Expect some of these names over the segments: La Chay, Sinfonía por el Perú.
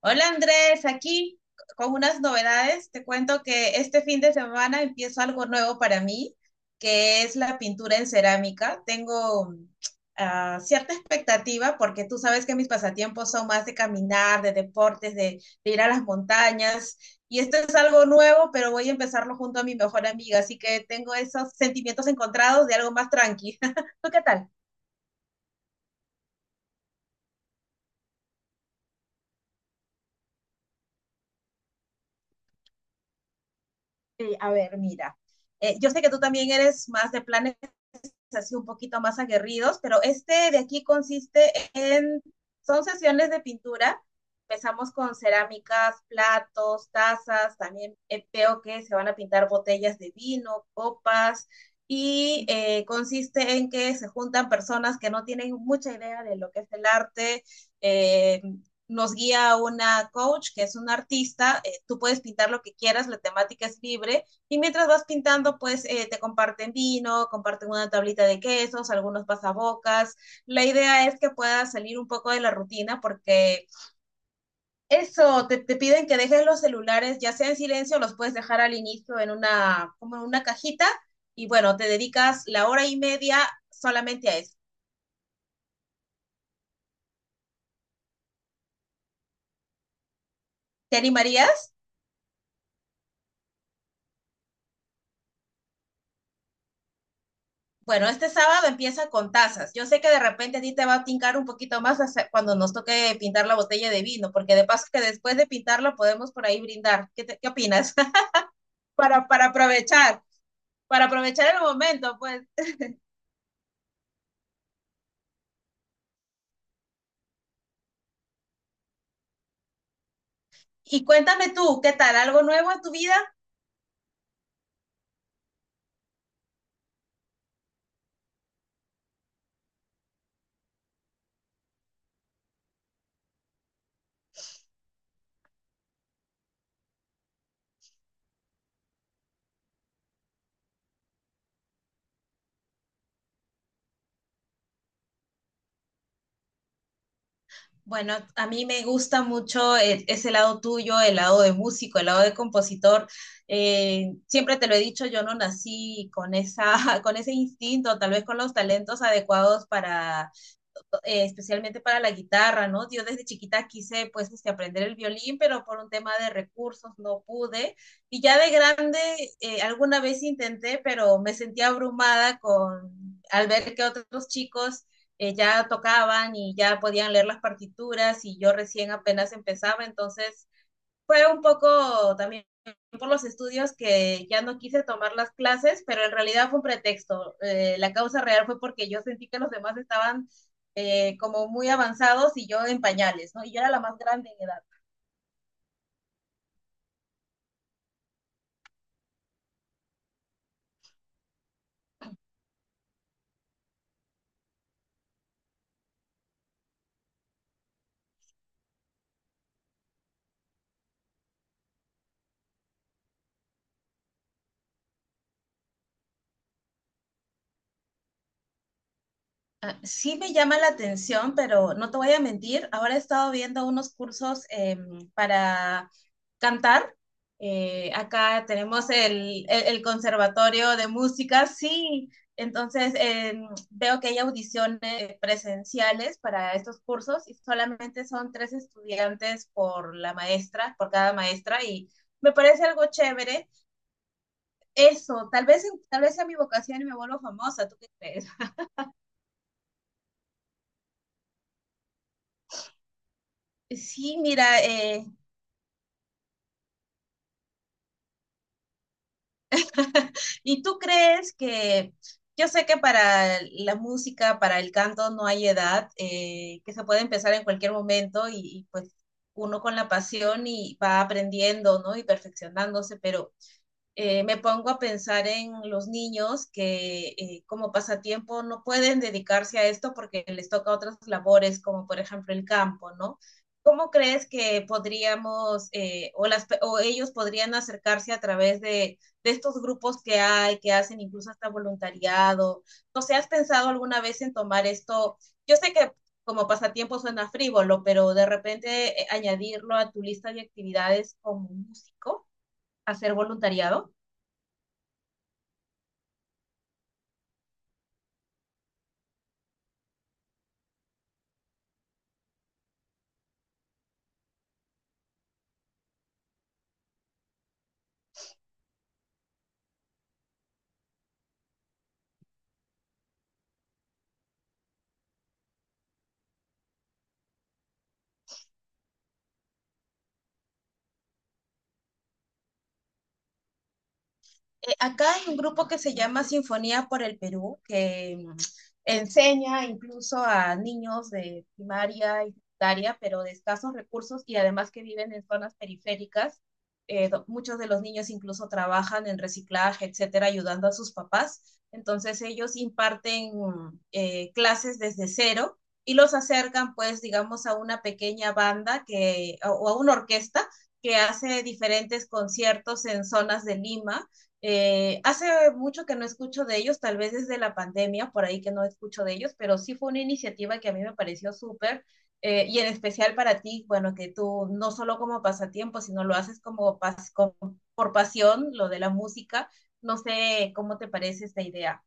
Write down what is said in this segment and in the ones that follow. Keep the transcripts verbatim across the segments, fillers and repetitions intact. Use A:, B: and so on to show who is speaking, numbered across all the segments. A: Hola Andrés, aquí con unas novedades. Te cuento que este fin de semana empiezo algo nuevo para mí, que es la pintura en cerámica. Tengo mm, ah, cierta expectativa porque tú sabes que mis pasatiempos son más de caminar, de deportes, de, de ir a las montañas. Y esto es algo nuevo, pero voy a empezarlo junto a mi mejor amiga, así que tengo esos sentimientos encontrados de algo más tranqui. ¿Tú qué tal? Sí, a ver, mira. Eh, yo sé que tú también eres más de planes así un poquito más aguerridos, pero este de aquí consiste en, son sesiones de pintura, empezamos con cerámicas, platos, tazas, también eh, veo que se van a pintar botellas de vino, copas, y eh, consiste en que se juntan personas que no tienen mucha idea de lo que es el arte. Eh, Nos guía una coach que es un artista, eh, tú puedes pintar lo que quieras, la temática es libre y mientras vas pintando, pues eh, te comparten vino, comparten una tablita de quesos, algunos pasabocas. La idea es que puedas salir un poco de la rutina porque eso, te, te piden que dejes los celulares, ya sea en silencio, los puedes dejar al inicio en una, como en una cajita. Y bueno, te dedicas la hora y media solamente a eso. ¿Te animarías? Bueno, este sábado empieza con tazas. Yo sé que de repente a ti te va a tincar un poquito más hasta cuando nos toque pintar la botella de vino, porque de paso que después de pintarla podemos por ahí brindar. ¿Qué, te, qué opinas? para, para aprovechar, para aprovechar el momento, pues. Y cuéntame tú, ¿qué tal? ¿Algo nuevo en tu vida? Bueno, a mí me gusta mucho eh, ese lado tuyo, el lado de músico, el lado de compositor. Eh, siempre te lo he dicho, yo no nací con, esa, con ese instinto, tal vez con los talentos adecuados para eh, especialmente para la guitarra, ¿no? Yo desde chiquita quise, pues, este, aprender el violín, pero por un tema de recursos no pude. Y ya de grande, eh, alguna vez intenté, pero me sentía abrumada con, al ver que otros chicos eh, ya tocaban y ya podían leer las partituras y yo recién apenas empezaba, entonces fue un poco también por los estudios que ya no quise tomar las clases, pero en realidad fue un pretexto. Eh, la causa real fue porque yo sentí que los demás estaban eh, como muy avanzados y yo en pañales, ¿no? Y yo era la más grande en edad. Ah, sí me llama la atención, pero no te voy a mentir, ahora he estado viendo unos cursos em, para cantar. Eh, acá tenemos el, el- el conservatorio de música, sí. Entonces em, veo que hay audiciones eh, presenciales para estos cursos y solamente son tres estudiantes por la maestra, por cada maestra y me parece algo chévere. Eso, tal vez, tal vez sea mi vocación y me vuelvo famosa, ¿tú qué crees? Sí, mira, eh, ¿Y tú crees que, yo sé que para la música, para el canto no hay edad, eh, que se puede empezar en cualquier momento y, y pues uno con la pasión y va aprendiendo, ¿no? Y perfeccionándose, pero eh, me pongo a pensar en los niños que eh, como pasatiempo no pueden dedicarse a esto porque les toca otras labores, como por ejemplo el campo, ¿no? ¿Cómo crees que podríamos eh, o, las, o ellos podrían acercarse a través de, de estos grupos que hay, que hacen incluso hasta voluntariado? No sé, ¿has pensado alguna vez en tomar esto? Yo sé que como pasatiempo suena frívolo, pero de repente eh, añadirlo a tu lista de actividades como músico, hacer voluntariado. Eh, acá hay un grupo que se llama Sinfonía por el Perú, que mm, enseña incluso a niños de primaria y secundaria, pero de escasos recursos y además que viven en zonas periféricas. Eh, do- muchos de los niños incluso trabajan en reciclaje, etcétera, ayudando a sus papás. Entonces ellos imparten mm, eh, clases desde cero y los acercan, pues, digamos, a una pequeña banda que, o o a una orquesta que hace diferentes conciertos en zonas de Lima eh, hace mucho que no escucho de ellos, tal vez desde la pandemia, por ahí que no escucho de ellos, pero sí fue una iniciativa que a mí me pareció súper eh, y en especial para ti, bueno, que tú no solo como pasatiempo, sino lo haces como pas- como por pasión, lo de la música. No sé cómo te parece esta idea.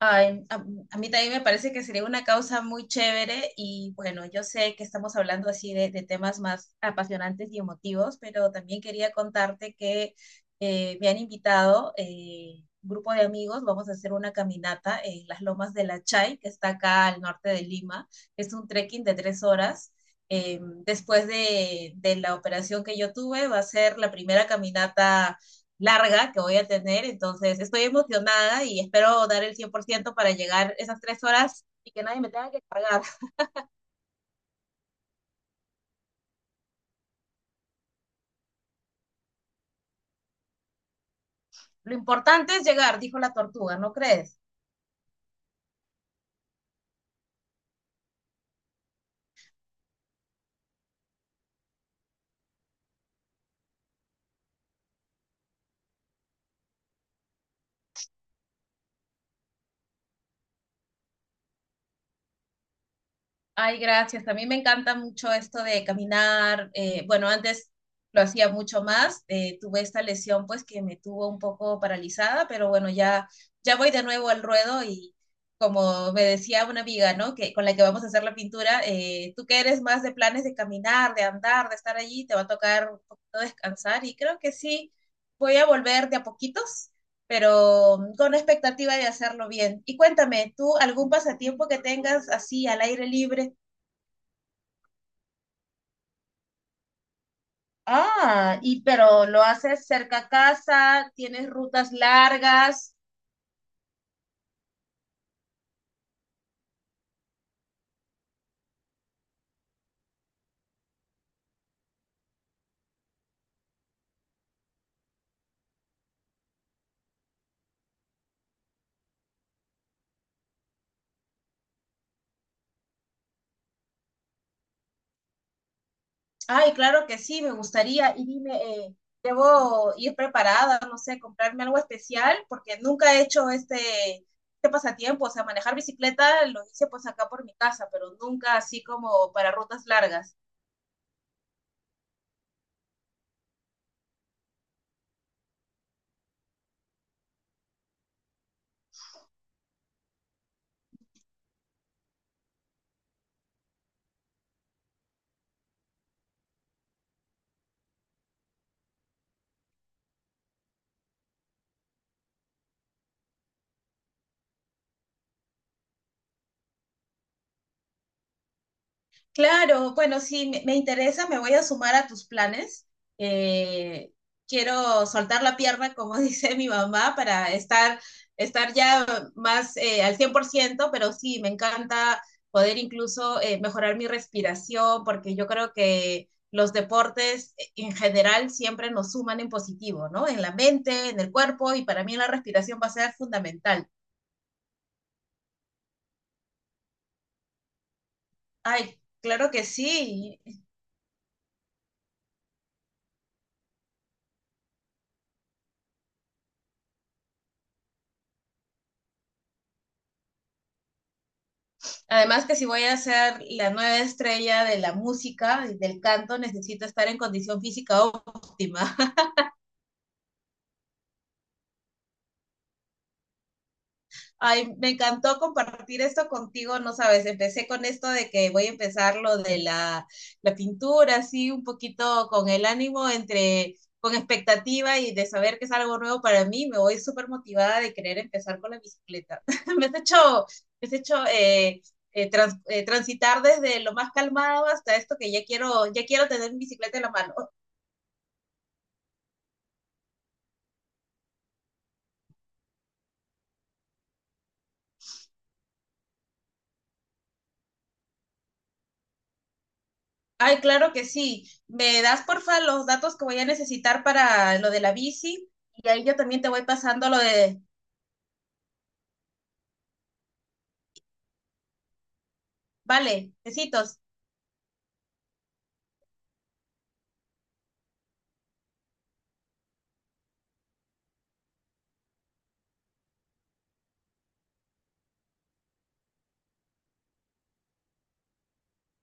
A: Ay, a, a mí también me parece que sería una causa muy chévere y bueno, yo sé que estamos hablando así de, de temas más apasionantes y emotivos, pero también quería contarte que eh, me han invitado eh, un grupo de amigos, vamos a hacer una caminata en las lomas de La Chay, que está acá al norte de Lima. Es un trekking de tres horas. Eh, Después de, de la operación que yo tuve, va a ser la primera caminata larga que voy a tener, entonces estoy emocionada y espero dar el cien por ciento para llegar esas tres horas y que nadie me tenga que cargar. Lo importante es llegar, dijo la tortuga, ¿no crees? Ay, gracias. A mí me encanta mucho esto de caminar. Eh, bueno, antes lo hacía mucho más. Eh, tuve esta lesión pues que me tuvo un poco paralizada, pero bueno, ya, ya voy de nuevo al ruedo y como me decía una amiga, ¿no? Que con la que vamos a hacer la pintura, eh, tú que eres más de planes de caminar, de andar, de estar allí, te va a tocar un poquito descansar y creo que sí, voy a volver de a poquitos. Pero mm, con la expectativa de hacerlo bien. Y cuéntame, ¿tú algún pasatiempo que tengas así al aire libre? Ah, y pero lo haces cerca a casa, tienes rutas largas. Ay, claro que sí, me gustaría. Y dime, eh, ¿debo ir preparada, no sé, comprarme algo especial? Porque nunca he hecho este, este pasatiempo, o sea, manejar bicicleta lo hice pues acá por mi casa, pero nunca así como para rutas largas. Claro, bueno, si me me interesa, me voy a sumar a tus planes. Eh, Quiero soltar la pierna, como dice mi mamá, para estar, estar ya más eh, al cien por ciento. Pero sí, me encanta poder incluso eh, mejorar mi respiración, porque yo creo que los deportes eh, en general siempre nos suman en positivo, ¿no? En la mente, en el cuerpo, y para mí la respiración va a ser fundamental. Ay, claro que sí, además que si voy a ser la nueva estrella de la música y del canto, necesito estar en condición física óptima. Ay, me encantó compartir esto contigo, no sabes, empecé con esto de que voy a empezar lo de la, la pintura, así un poquito con el ánimo entre, con expectativa y de saber que es algo nuevo para mí, me voy súper motivada de querer empezar con la bicicleta. Me has hecho, me has hecho eh, eh, trans, eh, transitar desde lo más calmado hasta esto que ya quiero, ya quiero tener mi bicicleta en la mano. Ay, claro que sí. Me das porfa los datos que voy a necesitar para lo de la bici y ahí yo también te voy pasando lo de, vale, besitos.